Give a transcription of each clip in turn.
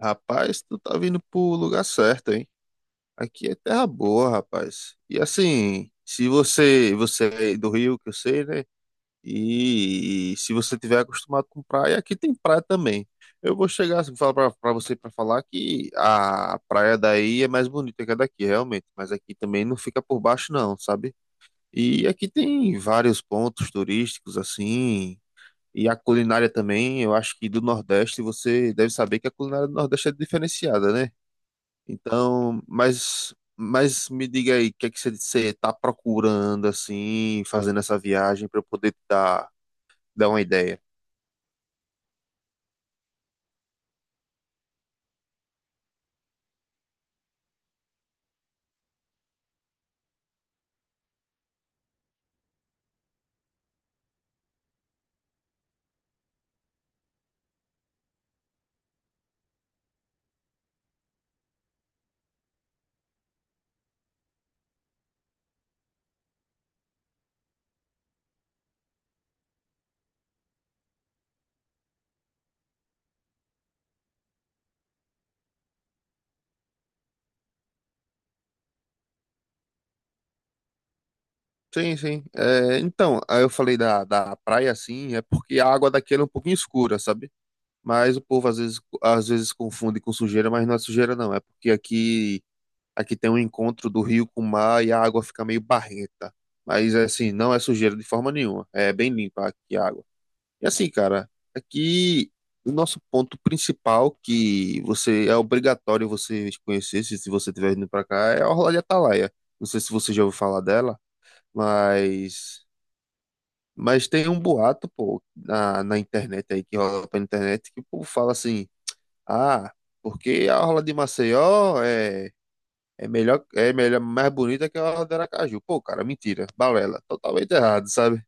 Rapaz, tu tá vindo pro lugar certo, hein? Aqui é terra boa, rapaz. E assim, se você é do Rio, que eu sei, né? E se você tiver acostumado com praia, aqui tem praia também. Eu vou chegar assim, falar pra você para falar que a praia daí é mais bonita que a daqui, realmente. Mas aqui também não fica por baixo, não, sabe? E aqui tem vários pontos turísticos, assim. E a culinária também, eu acho que do Nordeste você deve saber que a culinária do Nordeste é diferenciada, né? Então, mas me diga aí, o que é que você tá procurando, assim, fazendo essa viagem para eu poder te dar, dar uma ideia? Sim, sim. É, então, aí eu falei da praia, assim, é porque a água daqui ela é um pouquinho escura, sabe? Mas o povo às vezes confunde com sujeira, mas não é sujeira, não. É porque aqui tem um encontro do rio com o mar e a água fica meio barrenta. Mas, assim, não é sujeira de forma nenhuma. É bem limpa aqui a água. E assim, cara, aqui o nosso ponto principal que você é obrigatório você conhecer se você estiver vindo para cá é a Orla de Atalaia. Não sei se você já ouviu falar dela, mas tem um boato, pô, na internet aí que rola pela internet que o povo fala assim: "Ah, porque a Orla de Maceió é melhor mais bonita que a Orla de Aracaju". Pô, cara, mentira, balela, totalmente errado, sabe?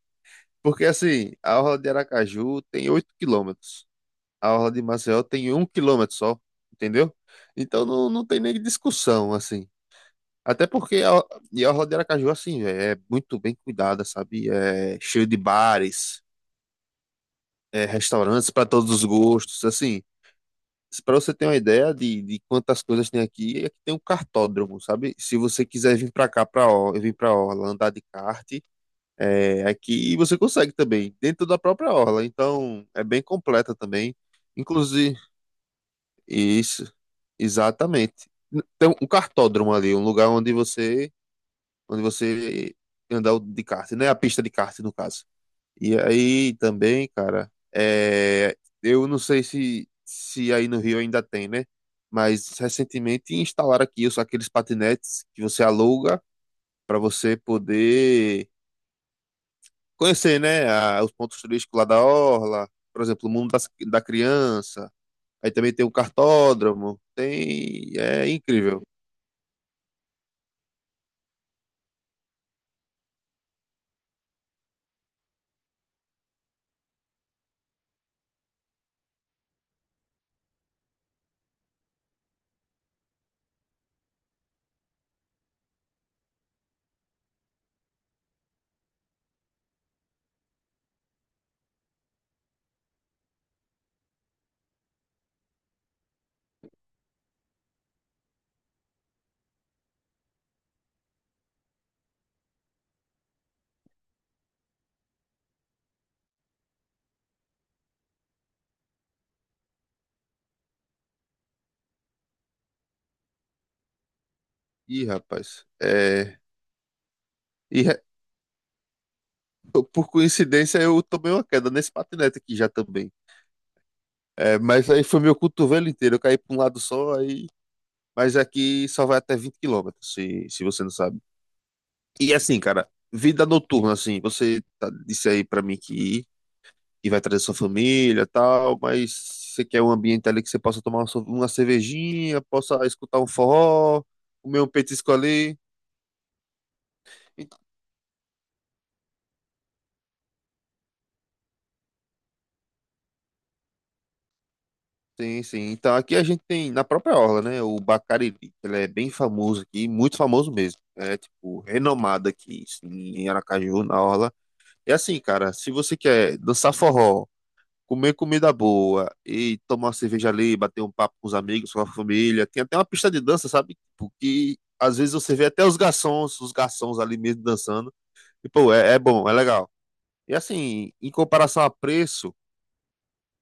Porque assim, a Orla de Aracaju tem 8 quilômetros, a orla de Maceió tem 1 quilômetro só, entendeu? Então não tem nem discussão, assim. Até porque E a orla de Aracaju, assim, véi, é muito bem cuidada, sabe? É cheio de bares, é, restaurantes para todos os gostos, assim. Para você ter uma ideia de quantas coisas tem aqui, é que tem um cartódromo, sabe? Se você quiser vir para cá, para orla, vir para orla, andar de kart, é, aqui você consegue também, dentro da própria orla. Então, é bem completa também. Inclusive, isso, exatamente. Tem um cartódromo ali, um lugar onde você andar de kart, né? A pista de kart, no caso. E aí também, cara, é, eu não sei se, se aí no Rio ainda tem, né? Mas recentemente instalaram aqui os, aqueles patinetes que você aluga para você poder conhecer, né? a- os pontos turísticos lá da Orla, por exemplo, o mundo das- da criança. Aí também tem o cartódromo. Tem, é incrível. Ih, rapaz, é. E re- por coincidência eu tomei uma queda nesse patinete aqui já também. É, mas aí foi meu cotovelo inteiro, eu caí para um lado só, aí. Mas aqui só vai até 20 quilômetros se você não sabe. E assim, cara, vida noturna, assim, disse aí pra mim que vai trazer sua família e tal, mas você quer um ambiente ali que você possa tomar uma cervejinha, possa escutar um forró, comer um petisco ali. Sim, sim. Então aqui a gente tem na própria orla, né? O Bacariri, que ele é bem famoso aqui, muito famoso mesmo. É tipo renomado aqui, sim, em Aracaju, na orla. E assim, cara, se você quer dançar forró, comer comida boa e tomar uma cerveja ali, bater um papo com os amigos, com a família, tem até uma pista de dança, sabe? Porque às vezes você vê até os garçons ali mesmo dançando. E pô, é, é bom, é legal. E assim, em comparação a preço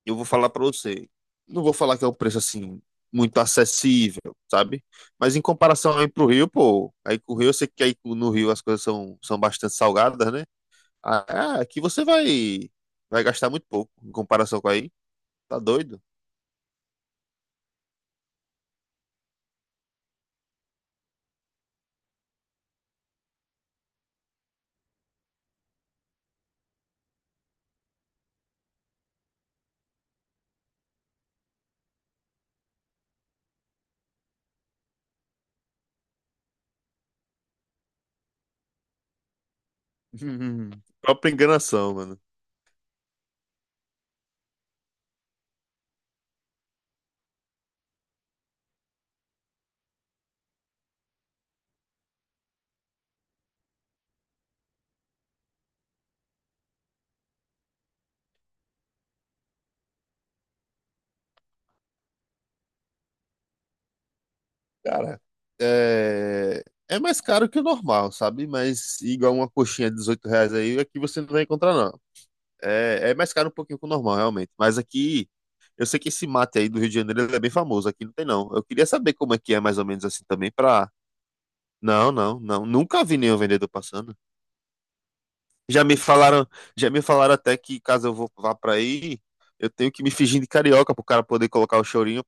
eu vou falar para você. Não vou falar que é um preço assim muito acessível, sabe? Mas em comparação aí pro Rio, pô, aí com o Rio, eu sei que aí no Rio as coisas são bastante salgadas, né? Ah, aqui você vai gastar muito pouco em comparação com aí. Tá doido? Própria enganação, mano. Cara, é... é mais caro que o normal, sabe? Mas igual uma coxinha de R$ 18 aí, aqui você não vai encontrar, não. É, é mais caro um pouquinho que o normal, realmente. Mas aqui, eu sei que esse mate aí do Rio de Janeiro ele é bem famoso. Aqui não tem, não. Eu queria saber como é que é mais ou menos assim também pra. Não, não, não. Nunca vi nenhum vendedor passando. Já me falaram, já me falaram até que caso eu vá pra aí, eu tenho que me fingir de carioca pro cara poder colocar o chorinho.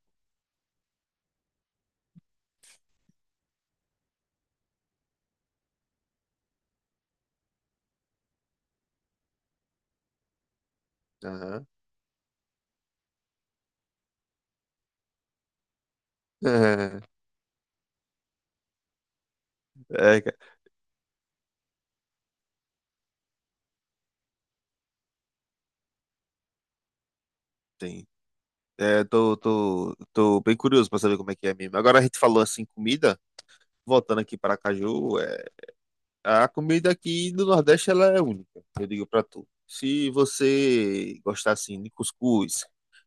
Aham. É, é, cara, tem. É, tô bem curioso pra saber como é que é mesmo. Agora a gente falou assim, comida. Voltando aqui para Caju, é, a comida aqui do Nordeste ela é única, eu digo pra tu. Se você gostar assim de cuscuz,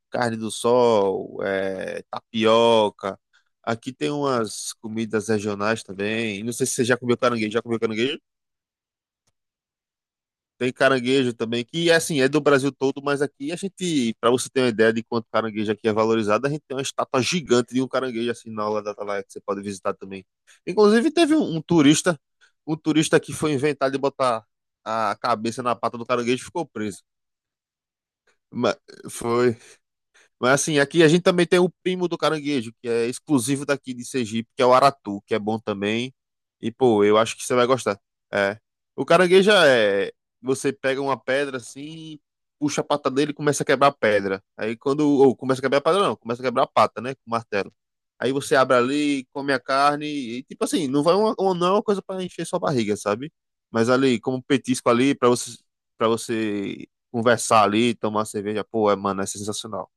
carne do sol, tapioca, aqui tem umas comidas regionais também. Não sei se você já comeu caranguejo. Já comeu caranguejo? Tem caranguejo também, que assim, é do Brasil todo, mas aqui a gente, para você ter uma ideia de quanto caranguejo aqui é valorizado, a gente tem uma estátua gigante de um caranguejo assim na aula da Atalaia que você pode visitar também. Inclusive teve um turista que foi inventar de botar a cabeça na pata do caranguejo e ficou preso. Mas foi, mas assim, aqui a gente também tem o primo do caranguejo, que é exclusivo daqui de Sergipe, que é o Aratu, que é bom também. E, pô, eu acho que você vai gostar. É. O caranguejo é. Você pega uma pedra assim, puxa a pata dele e começa a quebrar a pedra. Aí quando. Ou começa a quebrar a pedra, não, começa a quebrar a pata, né? Com o martelo. Aí você abre ali, come a carne, e tipo assim, não vai não é uma coisa para encher sua barriga, sabe? Mas ali, como um petisco ali, para você conversar ali, tomar cerveja, pô, é, mano, é sensacional.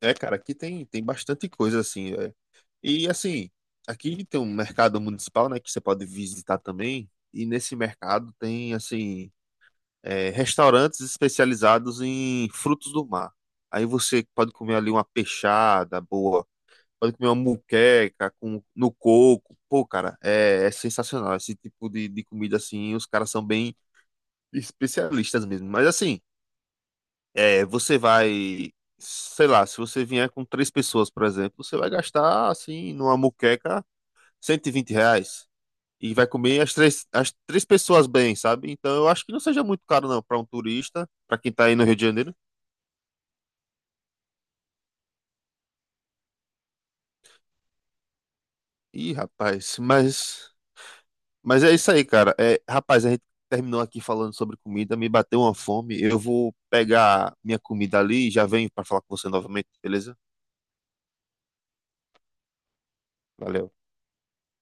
É, cara, aqui tem, tem bastante coisa assim. É. E assim, aqui tem um mercado municipal, né, que você pode visitar também. E nesse mercado tem assim, é, restaurantes especializados em frutos do mar. Aí você pode comer ali uma peixada boa, pode comer uma muqueca com no coco. Pô, cara, é, é sensacional. Esse tipo de comida assim, os caras são bem especialistas mesmo. Mas assim. É, você vai, sei lá, se você vier com três pessoas, por exemplo, você vai gastar, assim, numa moqueca, R$ 120. E vai comer as três pessoas bem, sabe? Então eu acho que não seja muito caro, não, para um turista, para quem tá aí no Rio de Janeiro. Ih, rapaz, mas é isso aí, cara. É, rapaz, a gente terminou aqui falando sobre comida, me bateu uma fome. Eu vou pegar minha comida ali e já venho para falar com você novamente, beleza? Valeu.